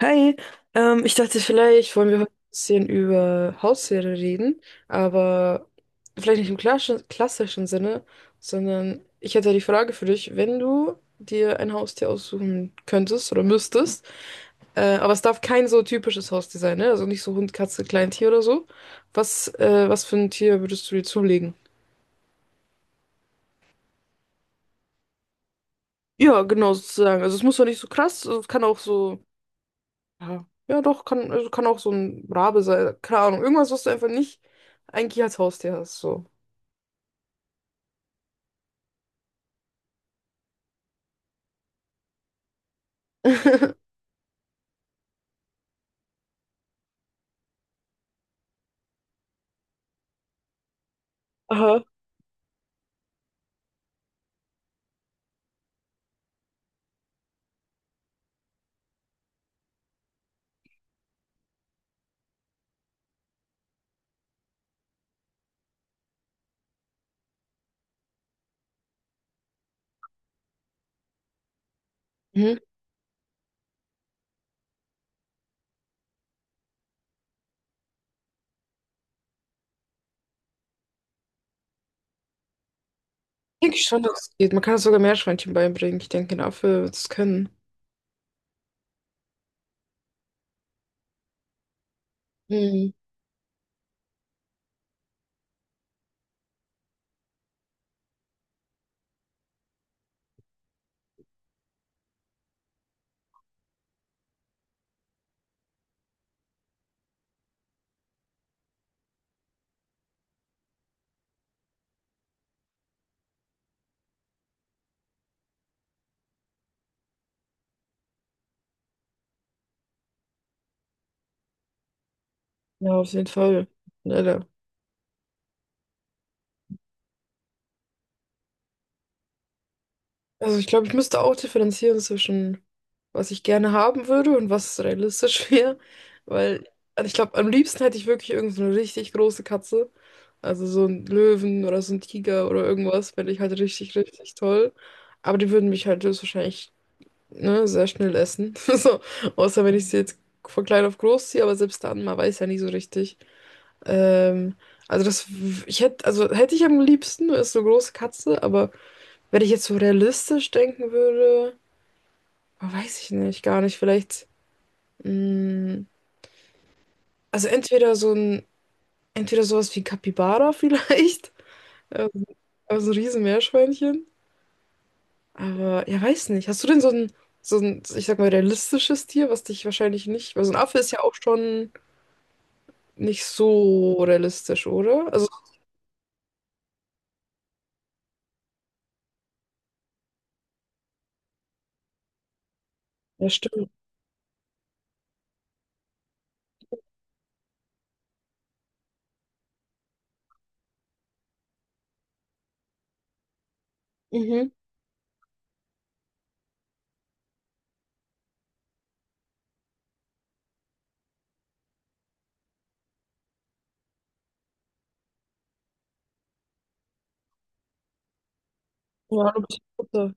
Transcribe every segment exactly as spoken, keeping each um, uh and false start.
Hi, ähm, ich dachte, vielleicht wollen wir heute ein bisschen über Haustiere reden, aber vielleicht nicht im klassischen, klassischen Sinne, sondern ich hätte die Frage für dich, wenn du dir ein Haustier aussuchen könntest oder müsstest, äh, aber es darf kein so typisches Haustier sein, ne? Also nicht so Hund, Katze, Kleintier oder so. Was, äh, was für ein Tier würdest du dir zulegen? Ja, genau, sozusagen. Also es muss doch nicht so krass, also es kann auch so. Ja, ja doch, kann, also kann auch so ein Rabe sein. Keine Ahnung. Irgendwas, was du einfach nicht eigentlich als Haustier hast. So. Aha. Mhm. Denke ich schon, dass es geht. Man kann es sogar Meerschweinchen beibringen. Ich denke, dafür Affe wird es können. Mhm. Ja, auf jeden Fall. Ja, da also ich glaube, ich müsste auch differenzieren zwischen, was ich gerne haben würde und was realistisch wäre. Weil, also ich glaube, am liebsten hätte ich wirklich irgend so eine richtig große Katze. Also so einen Löwen oder so einen Tiger oder irgendwas, fände ich halt richtig, richtig toll. Aber die würden mich halt höchstwahrscheinlich, ne, sehr schnell essen. So, außer wenn ich sie jetzt von klein auf groß ziehe, aber selbst dann, man weiß ja nie so richtig. Ähm, also das, w- ich hätte, also hätte ich am liebsten, ist so eine große Katze, aber. Wenn ich jetzt so realistisch denken würde, oh, weiß ich nicht, gar nicht. Vielleicht, mh, also entweder so ein, entweder sowas wie Capybara vielleicht, also, also ein Riesenmeerschweinchen. Aber ja, weiß nicht. Hast du denn so ein, so ein, ich sag mal, realistisches Tier, was dich wahrscheinlich nicht, weil so ein Affe ist ja auch schon nicht so realistisch, oder? Also, ja, stimmt. Mhm. Ja, du bist Mutter.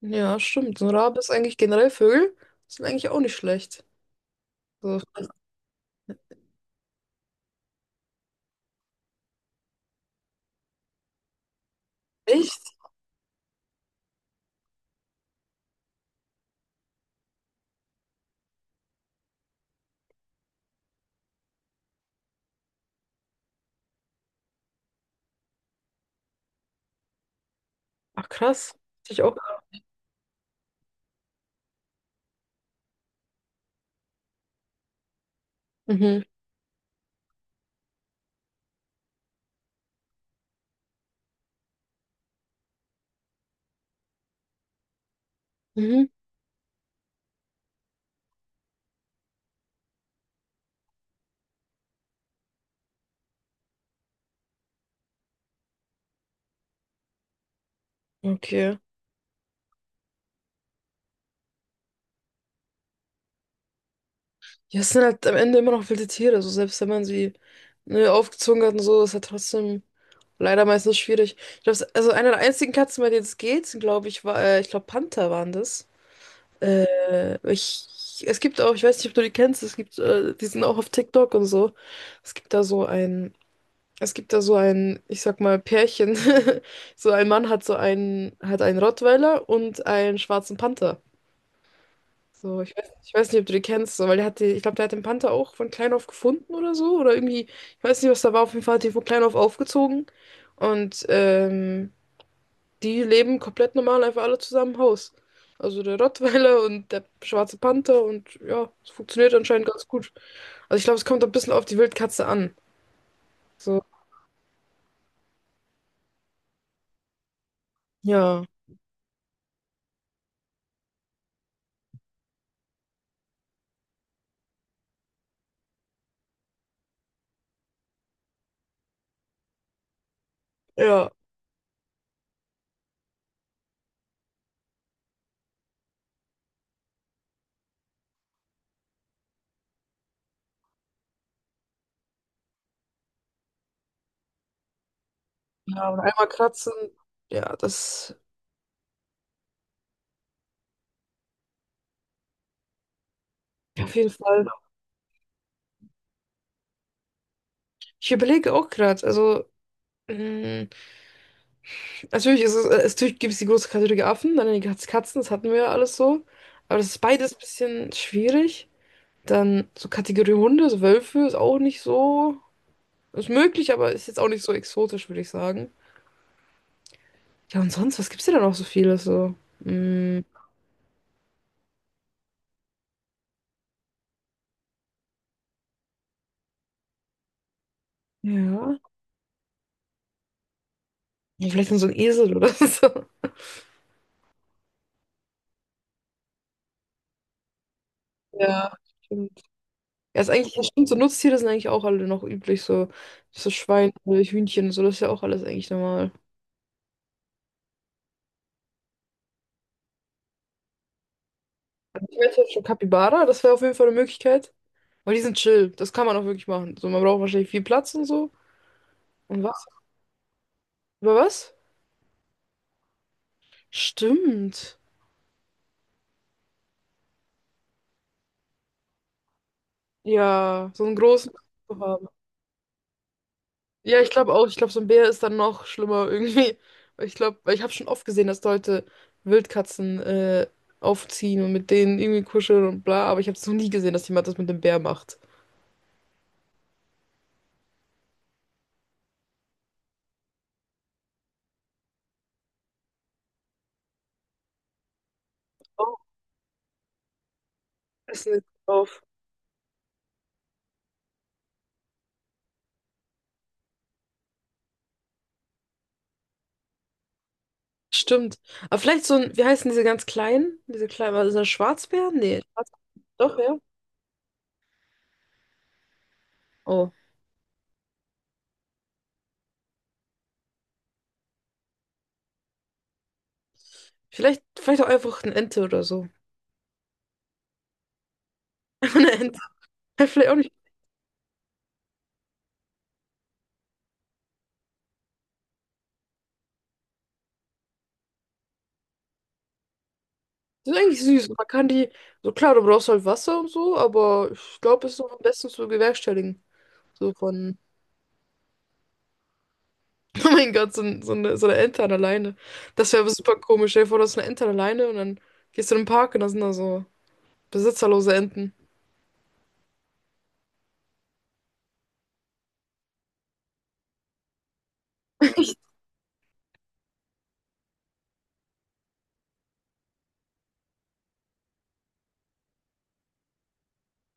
Ja, stimmt. So ein Rabe ist eigentlich generell Vögel, sind eigentlich auch nicht schlecht. So, echt? Ach krass. Hätte ich auch. Mhm. Mhm. Okay. Ja, es sind halt am Ende immer noch wilde Tiere. So selbst wenn man sie ne, aufgezogen hat und so, ist halt trotzdem leider meistens schwierig. Ich glaube, also eine der einzigen Katzen, bei denen es geht, glaube ich, war, äh, ich glaube, Panther waren das. Äh, ich, es gibt auch, ich weiß nicht, ob du die kennst, es gibt, äh, die sind auch auf TikTok und so. Es gibt da so ein, Es gibt da so ein, ich sag mal, Pärchen. So ein Mann hat so einen, hat einen Rottweiler und einen schwarzen Panther. So, ich weiß, ich weiß nicht, ob du die kennst, so, weil der hatte, ich glaube, der hat den Panther auch von klein auf gefunden oder so. Oder irgendwie, ich weiß nicht, was da war. Auf jeden Fall hat die von klein auf aufgezogen. Und ähm, die leben komplett normal, einfach alle zusammen im Haus. Also der Rottweiler und der schwarze Panther und ja, es funktioniert anscheinend ganz gut. Also ich glaube, es kommt ein bisschen auf die Wildkatze an. So, ja, ja, ja, und einmal kratzen, ja, das auf jeden Fall. Ich überlege auch gerade, also. Mh, natürlich ist es, äh, es natürlich gibt es die große Kategorie Affen, dann die Katz- Katzen, das hatten wir ja alles so. Aber das ist beides ein bisschen schwierig. Dann so Kategorie Hunde, so Wölfe ist auch nicht so. Ist möglich, aber ist jetzt auch nicht so exotisch, würde ich sagen. Ja, und sonst, was gibt's denn da noch so vieles so? Mm, ja. Ja, vielleicht dann so ein Esel oder so. Ja, stimmt. Ja, ist eigentlich, ja, stimmt, so Nutztiere sind eigentlich auch alle noch üblich, so, so Schweine, Hühnchen, so, das ist ja auch alles eigentlich normal. Ich wette jetzt schon Capybara, das wäre auf jeden Fall eine Möglichkeit. Weil die sind chill. Das kann man auch wirklich machen. So, man braucht wahrscheinlich viel Platz und so. Und was? Über was? Stimmt. Ja, so einen großen zu haben. Ja, ich glaube auch. Ich glaube, so ein Bär ist dann noch schlimmer irgendwie. Weil ich glaube, weil ich habe schon oft gesehen, dass Leute Wildkatzen äh, aufziehen und mit denen irgendwie kuscheln und bla. Aber ich habe es noch nie gesehen, dass jemand das mit dem Bär macht. Oh, Essen ist drauf. Stimmt. Aber vielleicht so ein, wie heißen diese ganz kleinen? Diese kleinen, was ist das, Schwarzbären? Nee. Schwarz- doch, ja. Oh. Vielleicht, vielleicht auch einfach eine Ente oder so. Einfach eine Ente. Ja, vielleicht auch nicht. Die sind eigentlich süß. Man kann die, so klar, du brauchst halt Wasser und so, aber ich glaube, es ist so am besten zu bewerkstelligen. So von, oh mein Gott, so, ein- so, eine, so eine Ente an der Leine. Das wäre aber super komisch. Stell dir vor, du hast eine Ente an der Leine und dann gehst du in den Park und da sind da so besitzerlose Enten.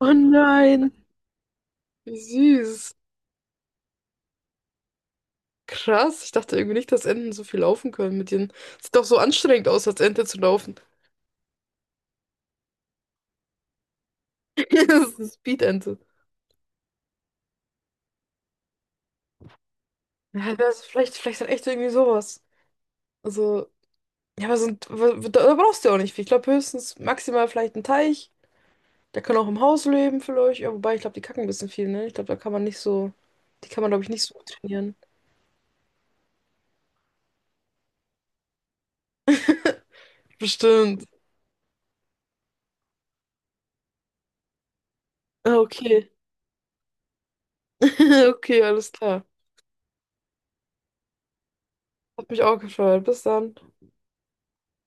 Oh nein, wie süß. Krass, ich dachte irgendwie nicht, dass Enten so viel laufen können mit ihren. Sieht doch so anstrengend aus, als Ente zu laufen. Das ist eine Speed-Ente. Ja, das vielleicht, vielleicht dann echt irgendwie sowas. Also, ja, aber sind, wa- wa- da da brauchst du ja auch nicht viel. Ich glaube höchstens maximal vielleicht ein Teich. Der kann auch im Haus leben vielleicht. Ja, wobei, ich glaube, die kacken ein bisschen viel, ne? Ich glaube, da kann man nicht so, die kann man, glaube ich, nicht so gut trainieren. Bestimmt. Ah, okay. Okay, alles klar. Hat mich auch gefreut. Bis dann.